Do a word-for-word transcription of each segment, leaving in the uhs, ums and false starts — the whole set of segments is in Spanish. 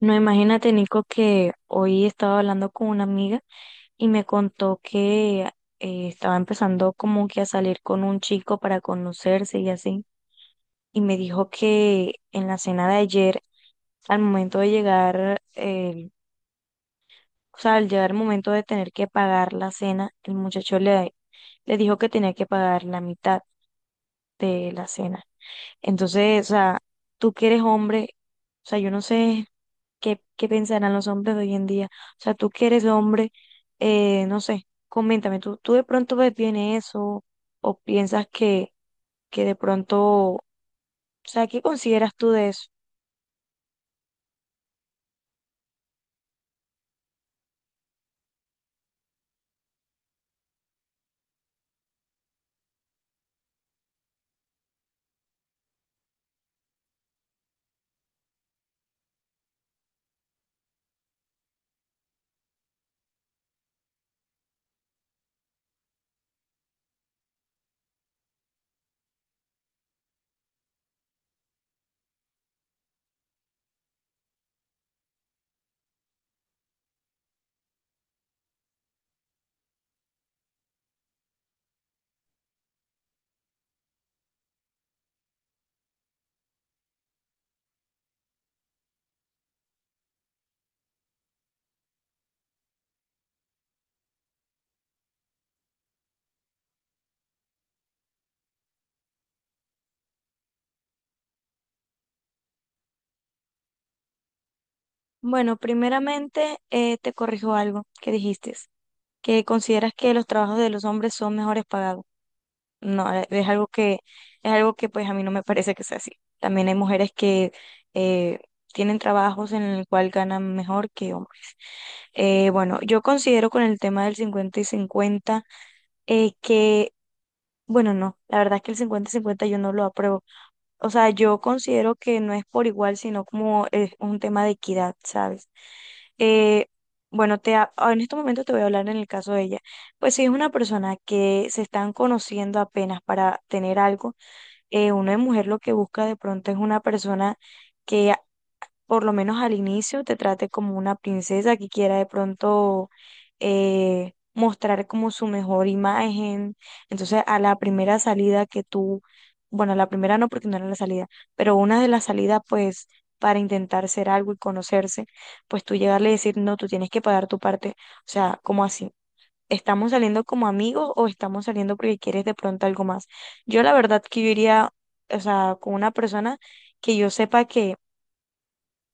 No, imagínate, Nico, que hoy estaba hablando con una amiga y me contó que eh, estaba empezando como que a salir con un chico para conocerse y así. Y me dijo que en la cena de ayer, al momento de llegar, eh, o sea, al llegar el momento de tener que pagar la cena, el muchacho le, le dijo que tenía que pagar la mitad de la cena. Entonces, o sea, tú que eres hombre, o sea, yo no sé. ¿Qué, qué pensarán los hombres de hoy en día? O sea, tú que eres hombre, eh, no sé, coméntame, ¿tú, tú de pronto ves bien eso o piensas que, que de pronto, o sea, qué consideras tú de eso? Bueno, primeramente eh, te corrijo algo que dijiste, que consideras que los trabajos de los hombres son mejores pagados. No, eh, es algo que, es algo que pues a mí no me parece que sea así. También hay mujeres que eh, tienen trabajos en el cual ganan mejor que hombres. Eh, bueno, yo considero con el tema del cincuenta y cincuenta eh, que, bueno, no, la verdad es que el cincuenta y cincuenta yo no lo apruebo. O sea, yo considero que no es por igual, sino como es un tema de equidad, ¿sabes? Eh, bueno, te, ha- en este momento te voy a hablar en el caso de ella. Pues si es una persona que se están conociendo apenas para tener algo, eh, uno de mujer lo que busca de pronto es una persona que por lo menos al inicio, te trate como una princesa que quiera de pronto eh, mostrar como su mejor imagen. Entonces, a la primera salida que tú, bueno, a la primera no porque no era la salida, pero una de las salidas, pues, para intentar ser algo y conocerse, pues tú llegarle y decir, no, tú tienes que pagar tu parte. O sea, como así. ¿Estamos saliendo como amigos o estamos saliendo porque quieres de pronto algo más? Yo la verdad que yo iría, o sea, con una persona que yo sepa que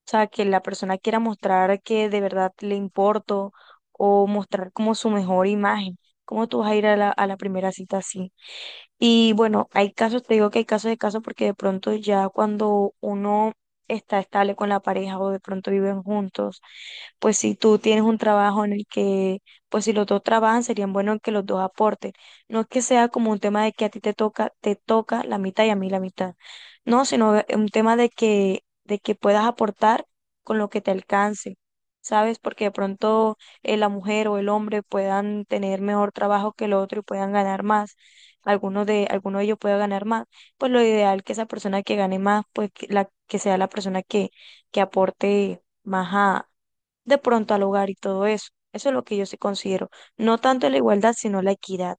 o sea, que la persona quiera mostrar que de verdad le importo o mostrar como su mejor imagen. ¿Cómo tú vas a ir a la, a la primera cita así? Y bueno, hay casos, te digo que hay casos de casos porque de pronto ya cuando uno está estable con la pareja o de pronto viven juntos, pues si tú tienes un trabajo en el que, pues si los dos trabajan, serían buenos que los dos aporten. No es que sea como un tema de que a ti te toca, te toca la mitad y a mí la mitad. No, sino es un tema de que, de que puedas aportar con lo que te alcance. ¿Sabes? Porque de pronto eh, la mujer o el hombre puedan tener mejor trabajo que el otro y puedan ganar más, alguno de, alguno de ellos pueda ganar más, pues lo ideal que esa persona que gane más, pues que, la, que sea la persona que, que aporte más a, de pronto al hogar y todo eso. Eso es lo que yo sí considero. No tanto la igualdad, sino la equidad.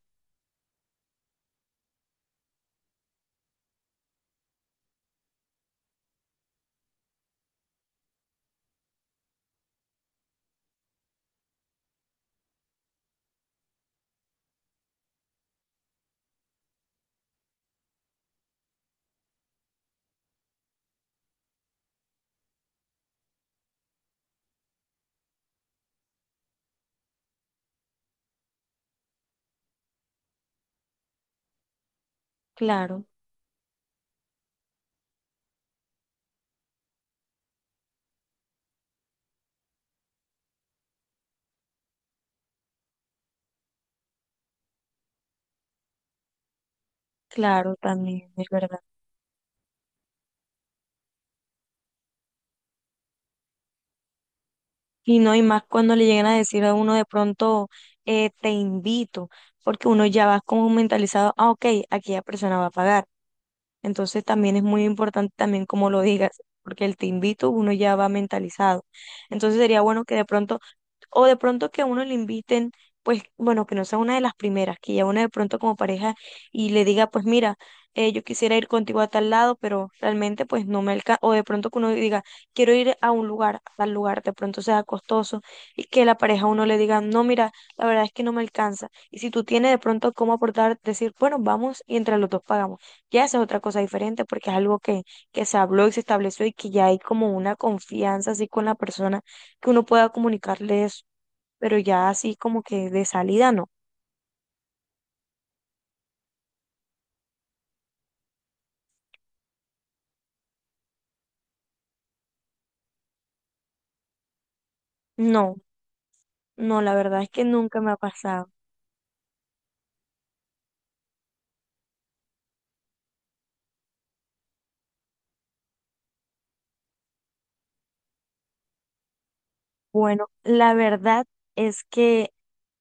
Claro, claro, también es verdad. Y no, y más cuando le llegan a decir a uno de pronto, eh, te invito, porque uno ya va como mentalizado, ah, ok, aquella persona va a pagar. Entonces también es muy importante también como lo digas, porque el te invito uno ya va mentalizado. Entonces sería bueno que de pronto, o de pronto que a uno le inviten, pues bueno, que no sea una de las primeras, que ya uno de pronto como pareja y le diga, pues mira, eh, yo quisiera ir contigo a tal lado, pero realmente pues no me alcanza, o de pronto que uno diga, quiero ir a un lugar, a tal lugar, de pronto sea costoso, y que la pareja a uno le diga, no, mira, la verdad es que no me alcanza. Y si tú tienes de pronto cómo aportar, decir, bueno, vamos y entre los dos pagamos. Ya esa es otra cosa diferente porque es algo que, que se habló y se estableció y que ya hay como una confianza así con la persona que uno pueda comunicarle eso, pero ya así como que de salida no. No, no, la verdad es que nunca me ha pasado. Bueno, la verdad es que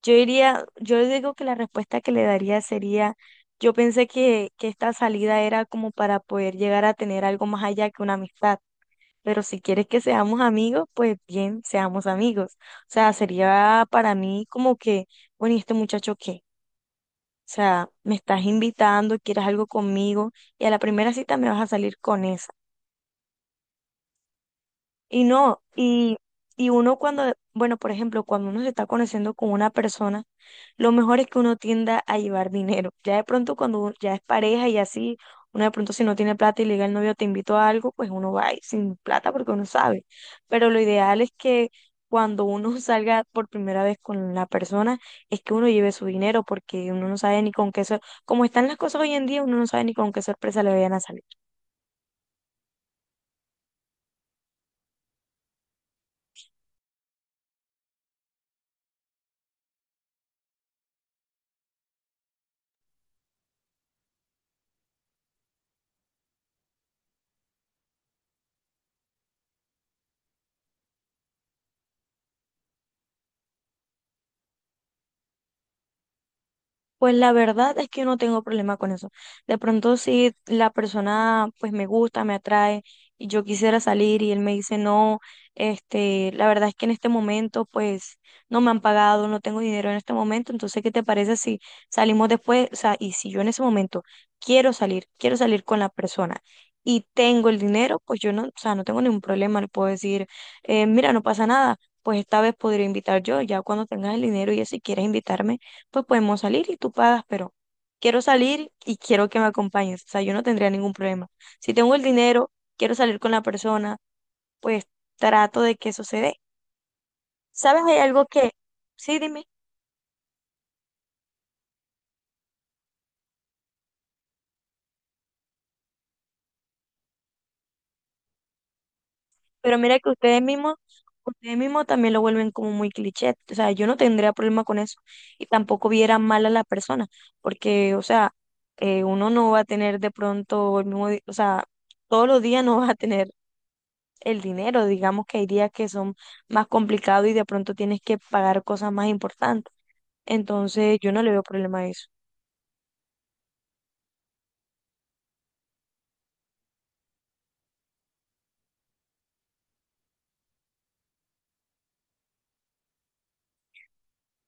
yo diría, yo digo que la respuesta que le daría sería, yo pensé que, que esta salida era como para poder llegar a tener algo más allá que una amistad. Pero si quieres que seamos amigos, pues bien, seamos amigos. O sea, sería para mí como que, bueno, ¿y este muchacho qué? O sea, me estás invitando, quieres algo conmigo y a la primera cita me vas a salir con eso. Y no, y, y uno cuando, bueno, por ejemplo, cuando uno se está conociendo con una persona, lo mejor es que uno tienda a llevar dinero. Ya de pronto cuando u- ya es pareja y así, uno de pronto si no tiene plata y le diga al novio te invito a algo, pues uno va ahí sin plata porque uno sabe. Pero lo ideal es que cuando uno salga por primera vez con la persona, es que uno lleve su dinero porque uno no sabe ni con qué, sor- como están las cosas hoy en día, uno no sabe ni con qué sorpresa le vayan a salir. Pues la verdad es que yo no tengo problema con eso. De pronto si la persona pues me gusta, me atrae y yo quisiera salir y él me dice no, este, la verdad es que en este momento pues no me han pagado, no tengo dinero en este momento, entonces ¿qué te parece si salimos después? O sea, y si yo en ese momento quiero salir, quiero salir con la persona y tengo el dinero, pues yo no, o sea, no tengo ningún problema, le puedo decir, eh, mira, no pasa nada. Pues esta vez podría invitar yo, ya cuando tengas el dinero y eso, si quieres invitarme pues podemos salir y tú pagas, pero quiero salir y quiero que me acompañes. O sea, yo no tendría ningún problema. Si tengo el dinero, quiero salir con la persona, pues trato de que eso se dé. ¿Sabes? Hay algo que, sí, dime, pero mira que ustedes mismos, ustedes mismos también lo vuelven como muy cliché. O sea, yo no tendría problema con eso y tampoco viera mal a la persona, porque, o sea, eh, uno no va a tener de pronto el mismo, di- o sea, todos los días no va a tener el dinero. Digamos que hay días que son más complicados y de pronto tienes que pagar cosas más importantes. Entonces, yo no le veo problema a eso.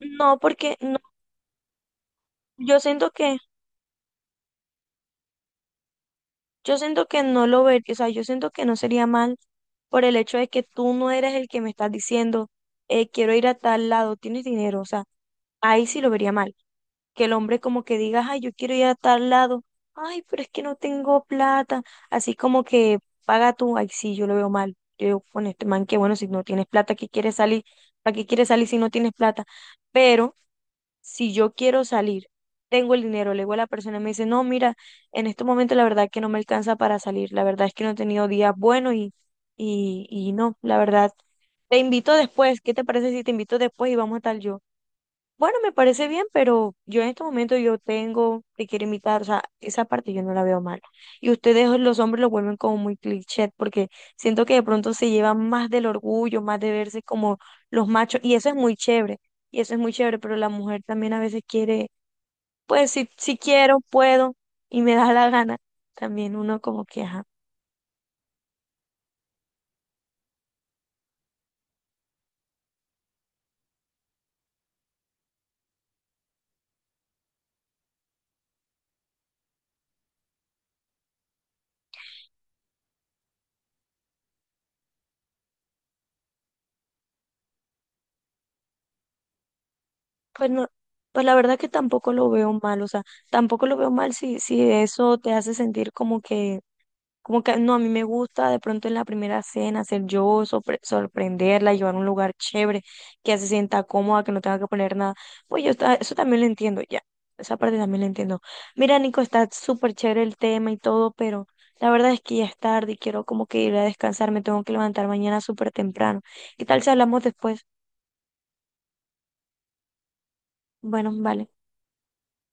No, porque no, yo siento que, yo siento que no lo vería, o sea, yo siento que no sería mal por el hecho de que tú no eres el que me estás diciendo, eh, quiero ir a tal lado, tienes dinero, o sea, ahí sí lo vería mal. Que el hombre como que diga, ay, yo quiero ir a tal lado, ay, pero es que no tengo plata, así como que paga tú, ay, sí, yo lo veo mal. Yo digo, con este man, que bueno, si no tienes plata, ¿qué quieres salir? ¿Para qué quieres salir si no tienes plata? Pero si yo quiero salir, tengo el dinero, le digo a la persona y me dice, no, mira, en este momento la verdad es que no me alcanza para salir, la verdad es que no he tenido días buenos y, y, y no, la verdad, te invito después, ¿qué te parece si te invito después y vamos a tal yo? Bueno, me parece bien, pero yo en este momento yo tengo, te quiero invitar, o sea, esa parte yo no la veo mal. Y ustedes, los hombres, lo vuelven como muy cliché, porque siento que de pronto se llevan más del orgullo, más de verse como los machos, y eso es muy chévere, y eso es muy chévere, pero la mujer también a veces quiere, pues si, si quiero, puedo, y me da la gana, también uno como que, ajá, pues no, pues la verdad que tampoco lo veo mal, o sea, tampoco lo veo mal si, si eso te hace sentir como que. Como que no, a mí me gusta de pronto en la primera cena ser yo, sorpre- sorprenderla, llevar a un lugar chévere, que ella se sienta cómoda, que no tenga que poner nada. Pues yo ta- eso también lo entiendo, ya. Esa parte también la entiendo. Mira, Nico, está súper chévere el tema y todo, pero la verdad es que ya es tarde y quiero como que ir a descansar. Me tengo que levantar mañana súper temprano. ¿Qué tal si hablamos después? Bueno, vale.